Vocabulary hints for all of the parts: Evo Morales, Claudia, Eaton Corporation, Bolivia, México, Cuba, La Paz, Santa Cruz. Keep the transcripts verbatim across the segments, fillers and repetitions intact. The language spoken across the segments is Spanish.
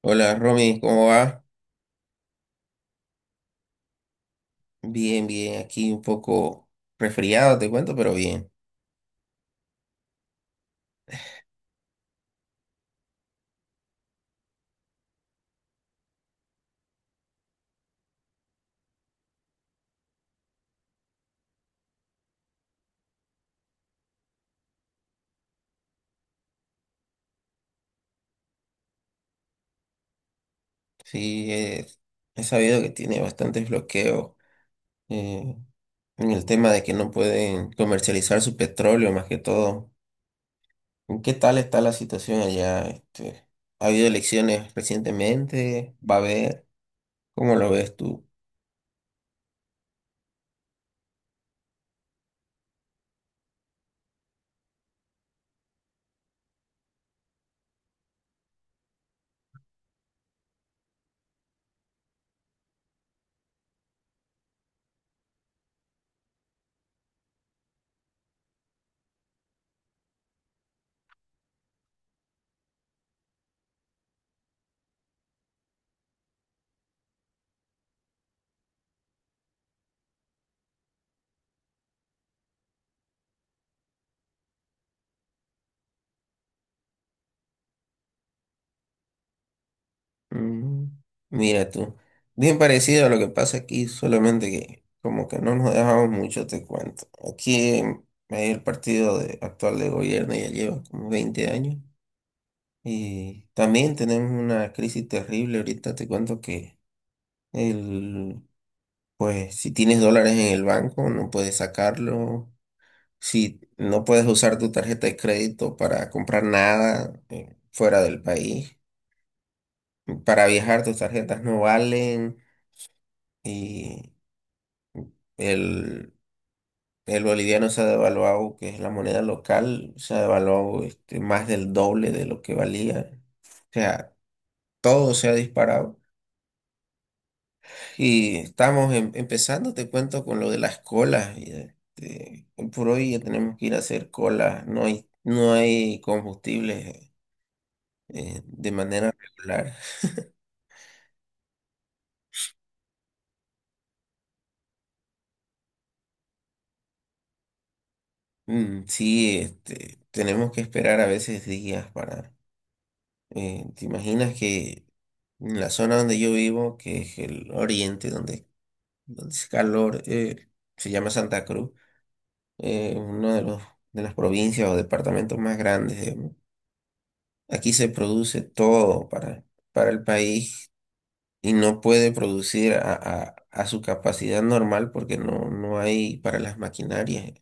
Hola Romy, ¿cómo va? Bien, bien, aquí un poco resfriado, te cuento, pero bien. Sí, eh, he sabido que tiene bastantes bloqueos eh, en el tema de que no pueden comercializar su petróleo, más que todo. ¿Qué tal está la situación allá? Este, ¿ha habido elecciones recientemente? ¿Va a haber? ¿Cómo lo ves tú? Mm, Mira tú, bien parecido a lo que pasa aquí, solamente que como que no nos dejamos mucho, te cuento. Aquí hay el partido de- actual de gobierno ya lleva como veinte años y también tenemos una crisis terrible. Ahorita te cuento que el, pues si tienes dólares en el banco no puedes sacarlo, si no puedes usar tu tarjeta de crédito para comprar nada eh, fuera del país, para viajar tus tarjetas no valen. Y El, el boliviano se ha devaluado, que es la moneda local, se ha devaluado este, más del doble de lo que valía. O sea, todo se ha disparado. Y estamos em- empezando, te cuento, con lo de las colas. y, este, hoy por hoy ya tenemos que ir a hacer colas. No hay, no hay combustible eh, de manera regular. Mm, sí, este, tenemos que esperar a veces días para. Eh, ¿te imaginas que en la zona donde yo vivo, que es el oriente, donde, donde es calor, eh, se llama Santa Cruz, eh, uno de los, de las provincias o departamentos más grandes, digamos. Aquí se produce todo para, para el país y no puede producir a, a- a su capacidad normal porque no, no hay para las maquinarias.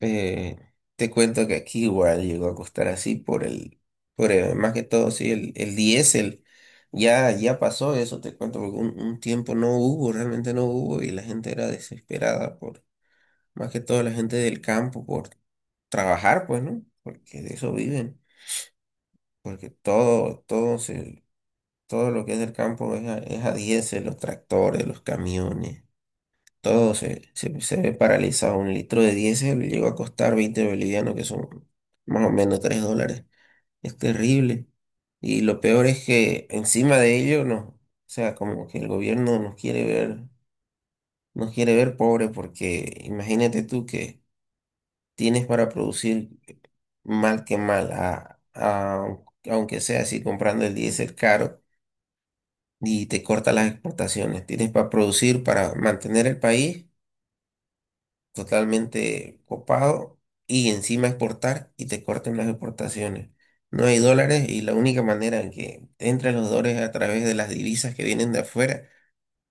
Eh, te cuento que aquí igual llegó a costar así por el, por el- más que todo, sí, el, el diésel. Ya, ya pasó eso, te cuento, porque un, un tiempo no hubo, realmente no hubo, y la gente era desesperada por, más que todo la gente del campo, por trabajar, pues, ¿no? Porque de eso viven, porque todo, todo se, todo lo que es del campo es a, es a diésel, los tractores, los camiones. Todo se, se, se ve paralizado. Un litro de diésel llegó a costar veinte bolivianos, que son más o menos tres dólares. Es terrible. Y lo peor es que encima de ello, no, o sea, como que el gobierno nos quiere ver, nos quiere ver pobre porque imagínate tú que tienes para producir mal que mal, a- a- aunque sea así comprando el diésel caro y te corta las exportaciones. Tienes para producir, para mantener el país totalmente copado y encima exportar y te corten las exportaciones. No hay dólares y la única manera en que te entran los dólares es a través de las divisas que vienen de afuera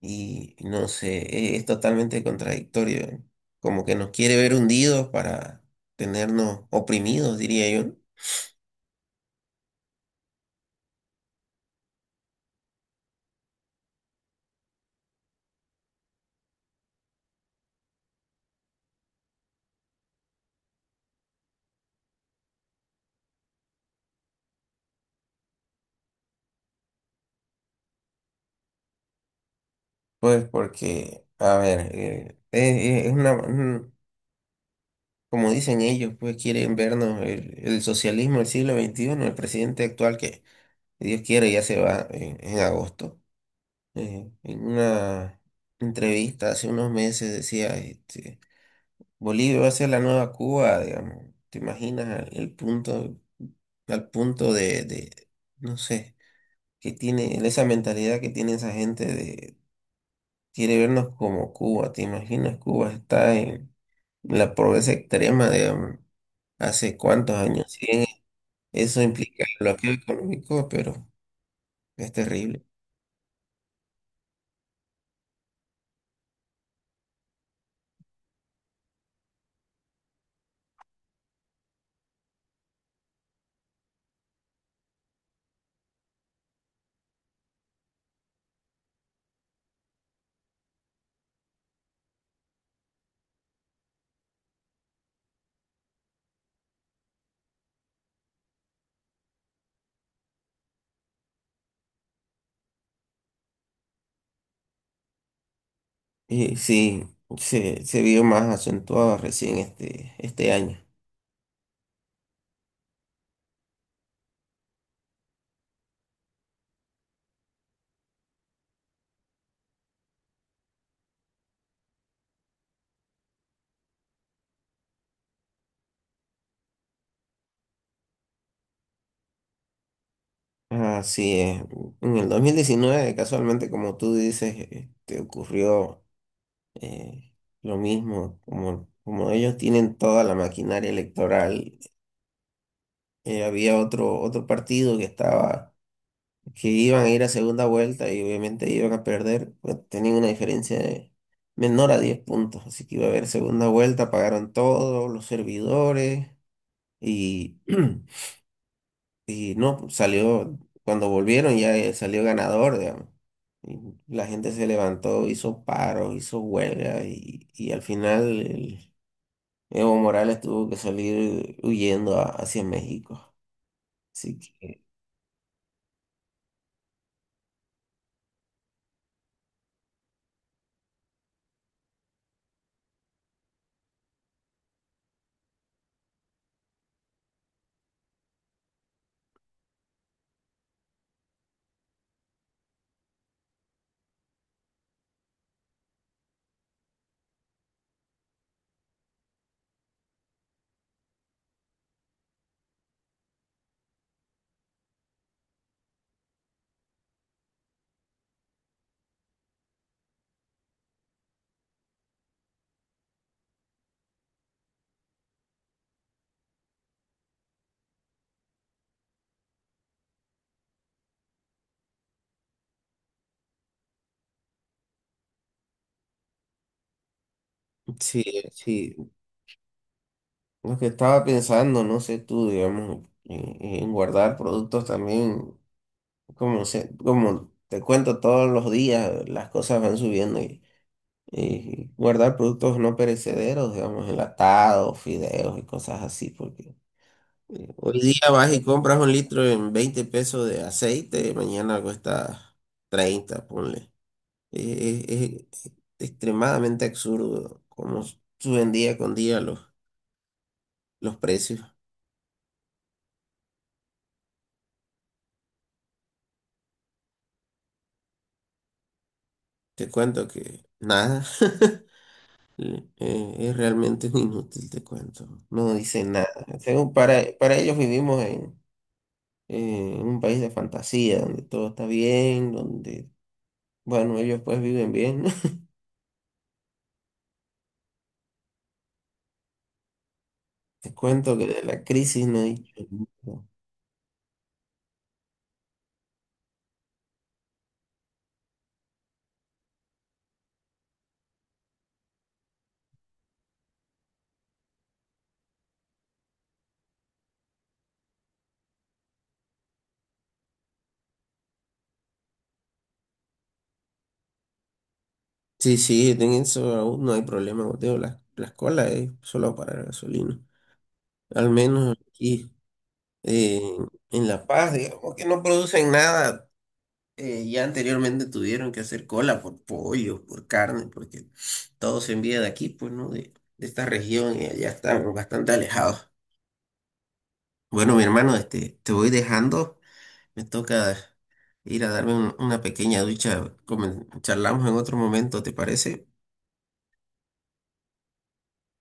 y no sé, e- es, totalmente contradictorio. Como que nos quiere ver hundidos para tenernos oprimidos, diría yo. Pues porque, a ver, eh, es, es- es una, un- como dicen ellos, pues quieren vernos el, el socialismo del siglo veintiuno, el presidente actual que si Dios quiere, ya se va en, en agosto. Eh, en una entrevista hace unos meses decía, este, Bolivia va a ser la nueva Cuba, digamos. ¿Te imaginas al- el punto, al punto de, de, no sé, que tiene, esa mentalidad que tiene esa gente de, quiere vernos como Cuba? ¿Te imaginas? Cuba está en la pobreza extrema, digamos, hace cuántos años. Sí, Eso implica el bloqueo económico, pero es terrible. Y sí, se, se vio más acentuado recién este, este año. Así es. En el dos mil diecinueve casualmente, como tú dices, eh, te ocurrió eh, lo mismo. Como, como ellos tienen toda la maquinaria electoral, eh, había otro, otro partido que estaba, que iban a ir a segunda vuelta y obviamente iban a perder. Pues, tenían una diferencia de menor a diez puntos. Así que iba a haber segunda vuelta, pagaron todos los servidores y. Y no, salió, cuando volvieron ya eh, salió ganador, digamos. Y la gente se levantó, hizo paros, hizo huelga y, y al final el Evo Morales tuvo que salir huyendo a- hacia México. Así que sí, sí, lo que estaba pensando, no sé tú, digamos, en, en, guardar productos también, como, se, como te cuento todos los días, las cosas van subiendo. Y guardar productos no perecederos, digamos, enlatados, fideos y cosas así, porque eh, hoy día vas y compras un litro en veinte pesos de aceite, mañana cuesta treinta ponle. Eh, eh, es extremadamente absurdo cómo suben día con día los, los precios. Te cuento que nada, eh, es realmente un inútil, te cuento. No dicen nada. Según para, para ellos vivimos eh, en un país de fantasía, donde todo está bien, donde, bueno, ellos pues viven bien. Te cuento que de la crisis no hay... Sí, sí, en eso aún no hay problema, Mateo. La, la escuela es solo para la gasolina. Al menos aquí eh, en La Paz, digamos que no producen nada. Eh, ya anteriormente tuvieron que hacer cola por pollo, por carne, porque todo se envía de aquí, pues, ¿no? De, de esta región y allá están bastante alejados. Bueno, mi hermano, este, te voy dejando. Me toca ir a darme un- una pequeña ducha. Comen- charlamos en otro momento, ¿te parece?